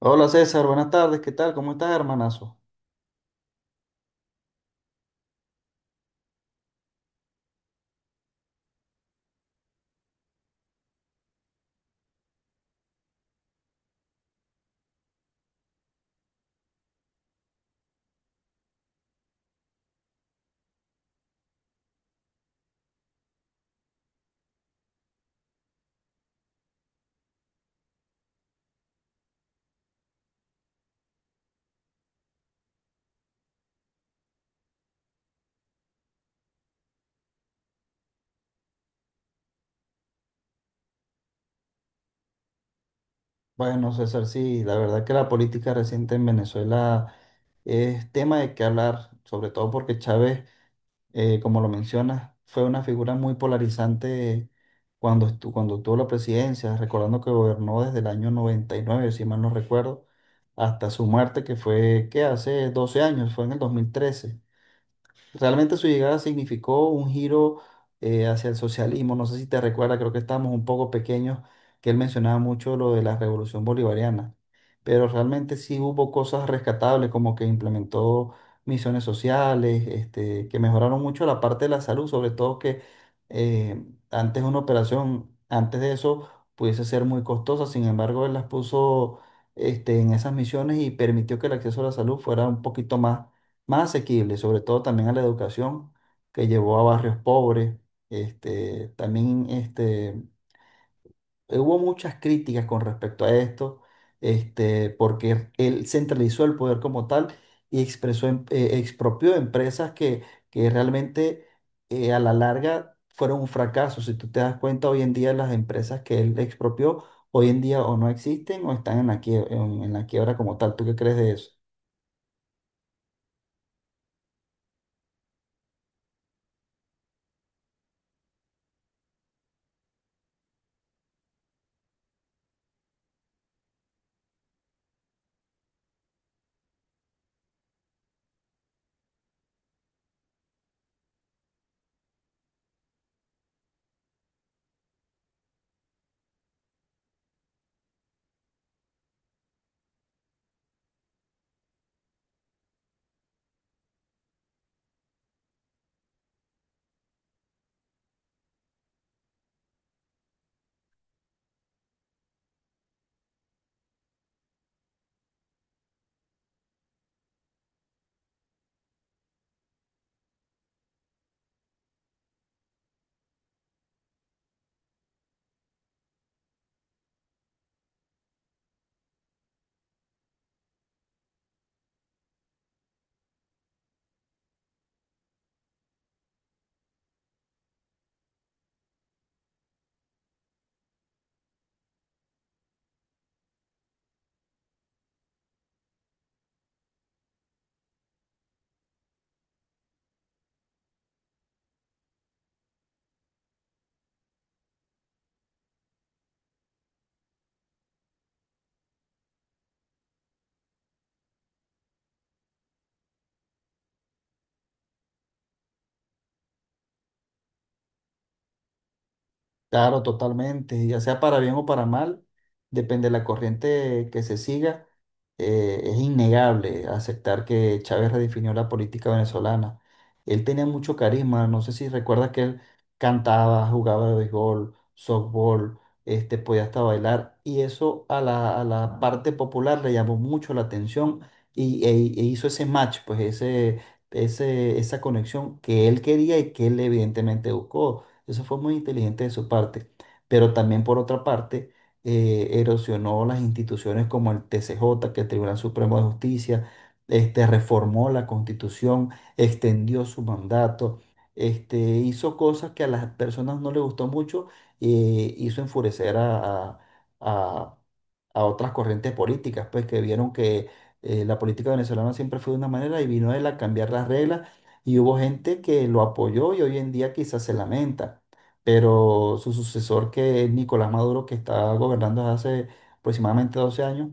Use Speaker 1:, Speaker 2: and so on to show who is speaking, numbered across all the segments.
Speaker 1: Hola César, buenas tardes, ¿qué tal? ¿Cómo estás, hermanazo? Bueno, César, sí, la verdad que la política reciente en Venezuela es tema de qué hablar, sobre todo porque Chávez, como lo mencionas, fue una figura muy polarizante cuando, cuando tuvo la presidencia, recordando que gobernó desde el año 99, si mal no recuerdo, hasta su muerte, que fue, ¿qué? Hace 12 años, fue en el 2013. Realmente su llegada significó un giro hacia el socialismo. No sé si te recuerdas, creo que estábamos un poco pequeños, que él mencionaba mucho lo de la revolución bolivariana. Pero realmente sí hubo cosas rescatables, como que implementó misiones sociales, este, que mejoraron mucho la parte de la salud, sobre todo que eh, antes una operación, antes de eso, pudiese ser muy costosa. Sin embargo, él las puso este, en esas misiones y permitió que el acceso a la salud fuera un poquito más asequible, sobre todo también a la educación que llevó a barrios pobres. Este, también este, hubo muchas críticas con respecto a esto, este, porque él centralizó el poder como tal y expropió empresas que realmente a la larga fueron un fracaso. Si tú te das cuenta, hoy en día las empresas que él expropió, hoy en día o no existen o están en la quie- en la quiebra como tal. ¿Tú qué crees de eso? Claro, totalmente, ya sea para bien o para mal, depende de la corriente que se siga, es innegable aceptar que Chávez redefinió la política venezolana. Él tenía mucho carisma, no sé si recuerdas que él cantaba, jugaba de béisbol, softball, este, podía hasta bailar, y eso a a la parte popular le llamó mucho la atención e hizo ese match, pues esa conexión que él quería y que él evidentemente buscó. Eso fue muy inteligente de su parte. Pero también por otra parte, erosionó las instituciones como el TCJ, que es el Tribunal Supremo de Justicia, este, reformó la Constitución, extendió su mandato, este, hizo cosas que a las personas no les gustó mucho y hizo enfurecer a- a otras corrientes políticas, pues que vieron que la política venezolana siempre fue de una manera y vino él a cambiar las reglas y hubo gente que lo apoyó y hoy en día quizás se lamenta. Pero su sucesor, que es Nicolás Maduro, que está gobernando desde hace aproximadamente 12 años,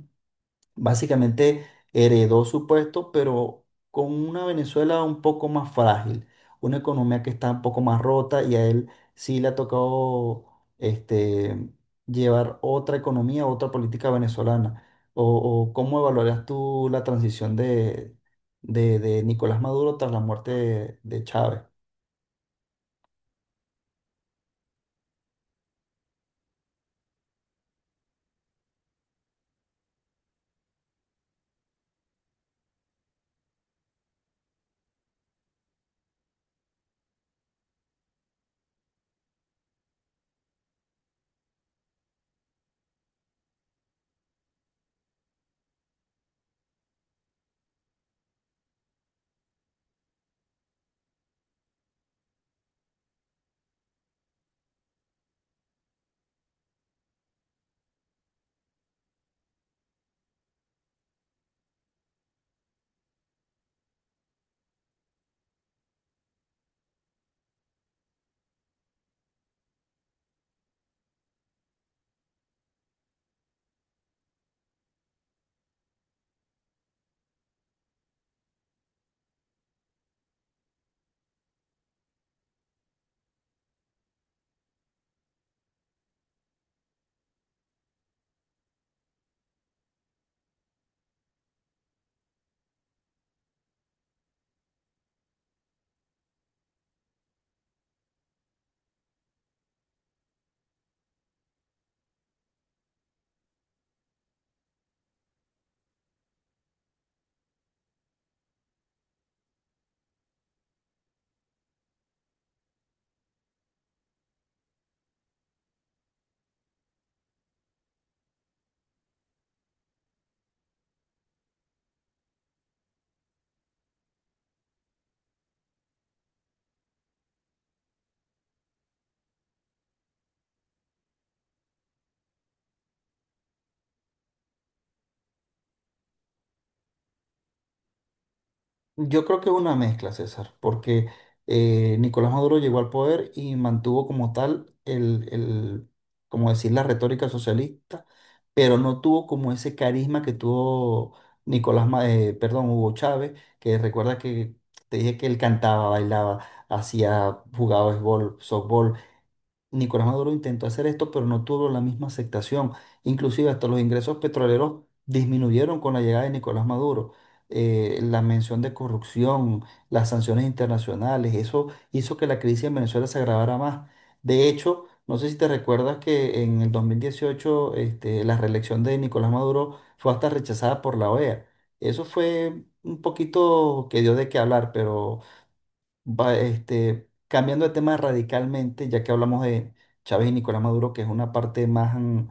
Speaker 1: básicamente heredó su puesto, pero con una Venezuela un poco más frágil, una economía que está un poco más rota y a él sí le ha tocado este, llevar otra economía, otra política venezolana. ¿O, o cómo evaluarías tú la transición de Nicolás Maduro tras la muerte de Chávez? Yo creo que una mezcla, César, porque Nicolás Maduro llegó al poder y mantuvo como tal como decir, la retórica socialista, pero no tuvo como ese carisma que tuvo perdón, Hugo Chávez, que recuerda que te dije que él cantaba, bailaba, hacía, jugaba béisbol, softball, Nicolás Maduro intentó hacer esto, pero no tuvo la misma aceptación. Inclusive hasta los ingresos petroleros disminuyeron con la llegada de Nicolás Maduro. La mención de corrupción, las sanciones internacionales, eso hizo que la crisis en Venezuela se agravara más. De hecho, no sé si te recuerdas que en el 2018 este, la reelección de Nicolás Maduro fue hasta rechazada por la OEA. Eso fue un poquito que dio de qué hablar, pero va, este, cambiando de tema radicalmente, ya que hablamos de Chávez y Nicolás Maduro, que es una parte más, mm,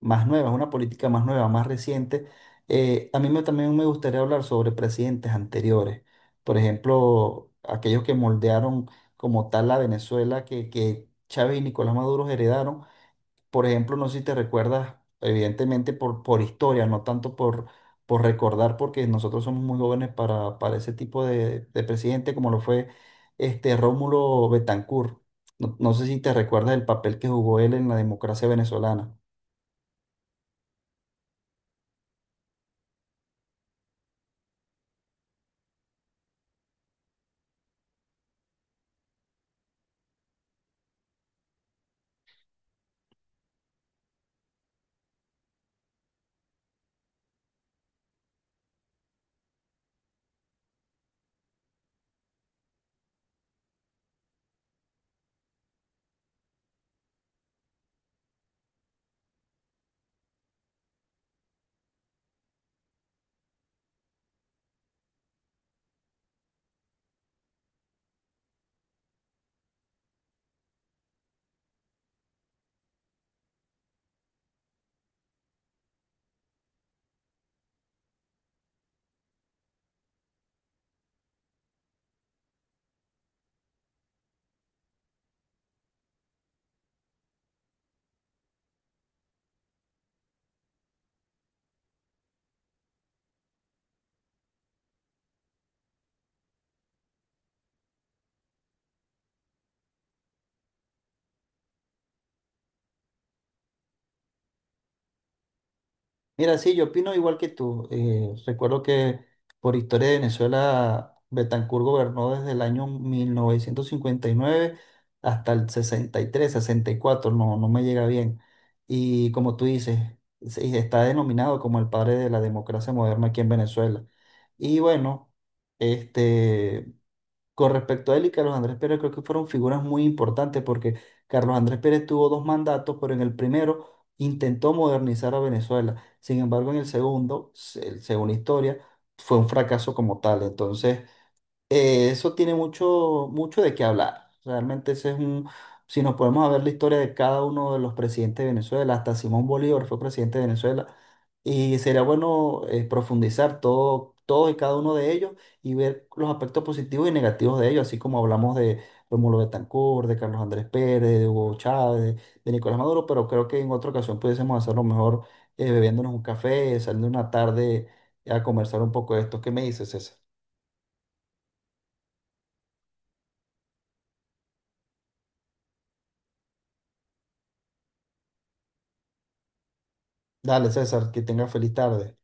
Speaker 1: más nueva, es una política más nueva, más reciente, a mí también me gustaría hablar sobre presidentes anteriores, por ejemplo, aquellos que moldearon como tal la Venezuela que Chávez y Nicolás Maduro heredaron por ejemplo, no sé si te recuerdas, evidentemente por historia, no tanto por recordar, porque nosotros somos muy jóvenes para ese tipo de presidente, como lo fue este Rómulo Betancourt. No sé si te recuerdas el papel que jugó él en la democracia venezolana. Mira, sí, yo opino igual que tú. Recuerdo que por historia de Venezuela, Betancur gobernó desde el año 1959 hasta el sesenta sesenta y tres sesenta y cuatro no, no me llega bien. Y como tú dices, sí, está denominado como el padre de la democracia moderna aquí en Venezuela. Y bueno, este, con respecto a él y Carlos Andrés Pérez, creo que fueron figuras muy importantes porque Carlos Andrés Pérez tuvo dos mandatos, pero en el primero intentó modernizar a Venezuela. Sin embargo, en el segundo, según la historia, fue un fracaso como tal. Entonces, eso tiene mucho, mucho de qué hablar. Realmente ese es un, si nos podemos a ver la historia de cada uno de los presidentes de Venezuela, hasta Simón Bolívar fue presidente de Venezuela, y sería bueno profundizar todo, todo y cada uno de ellos y ver los aspectos positivos y negativos de ellos, así como hablamos de Rómulo Betancourt, de Carlos Andrés Pérez, de Hugo Chávez, de Nicolás Maduro, pero creo que en otra ocasión pudiésemos hacerlo mejor bebiéndonos un café, saliendo una tarde a conversar un poco de esto. ¿Qué me dices, César? Dale, César, que tenga feliz tarde.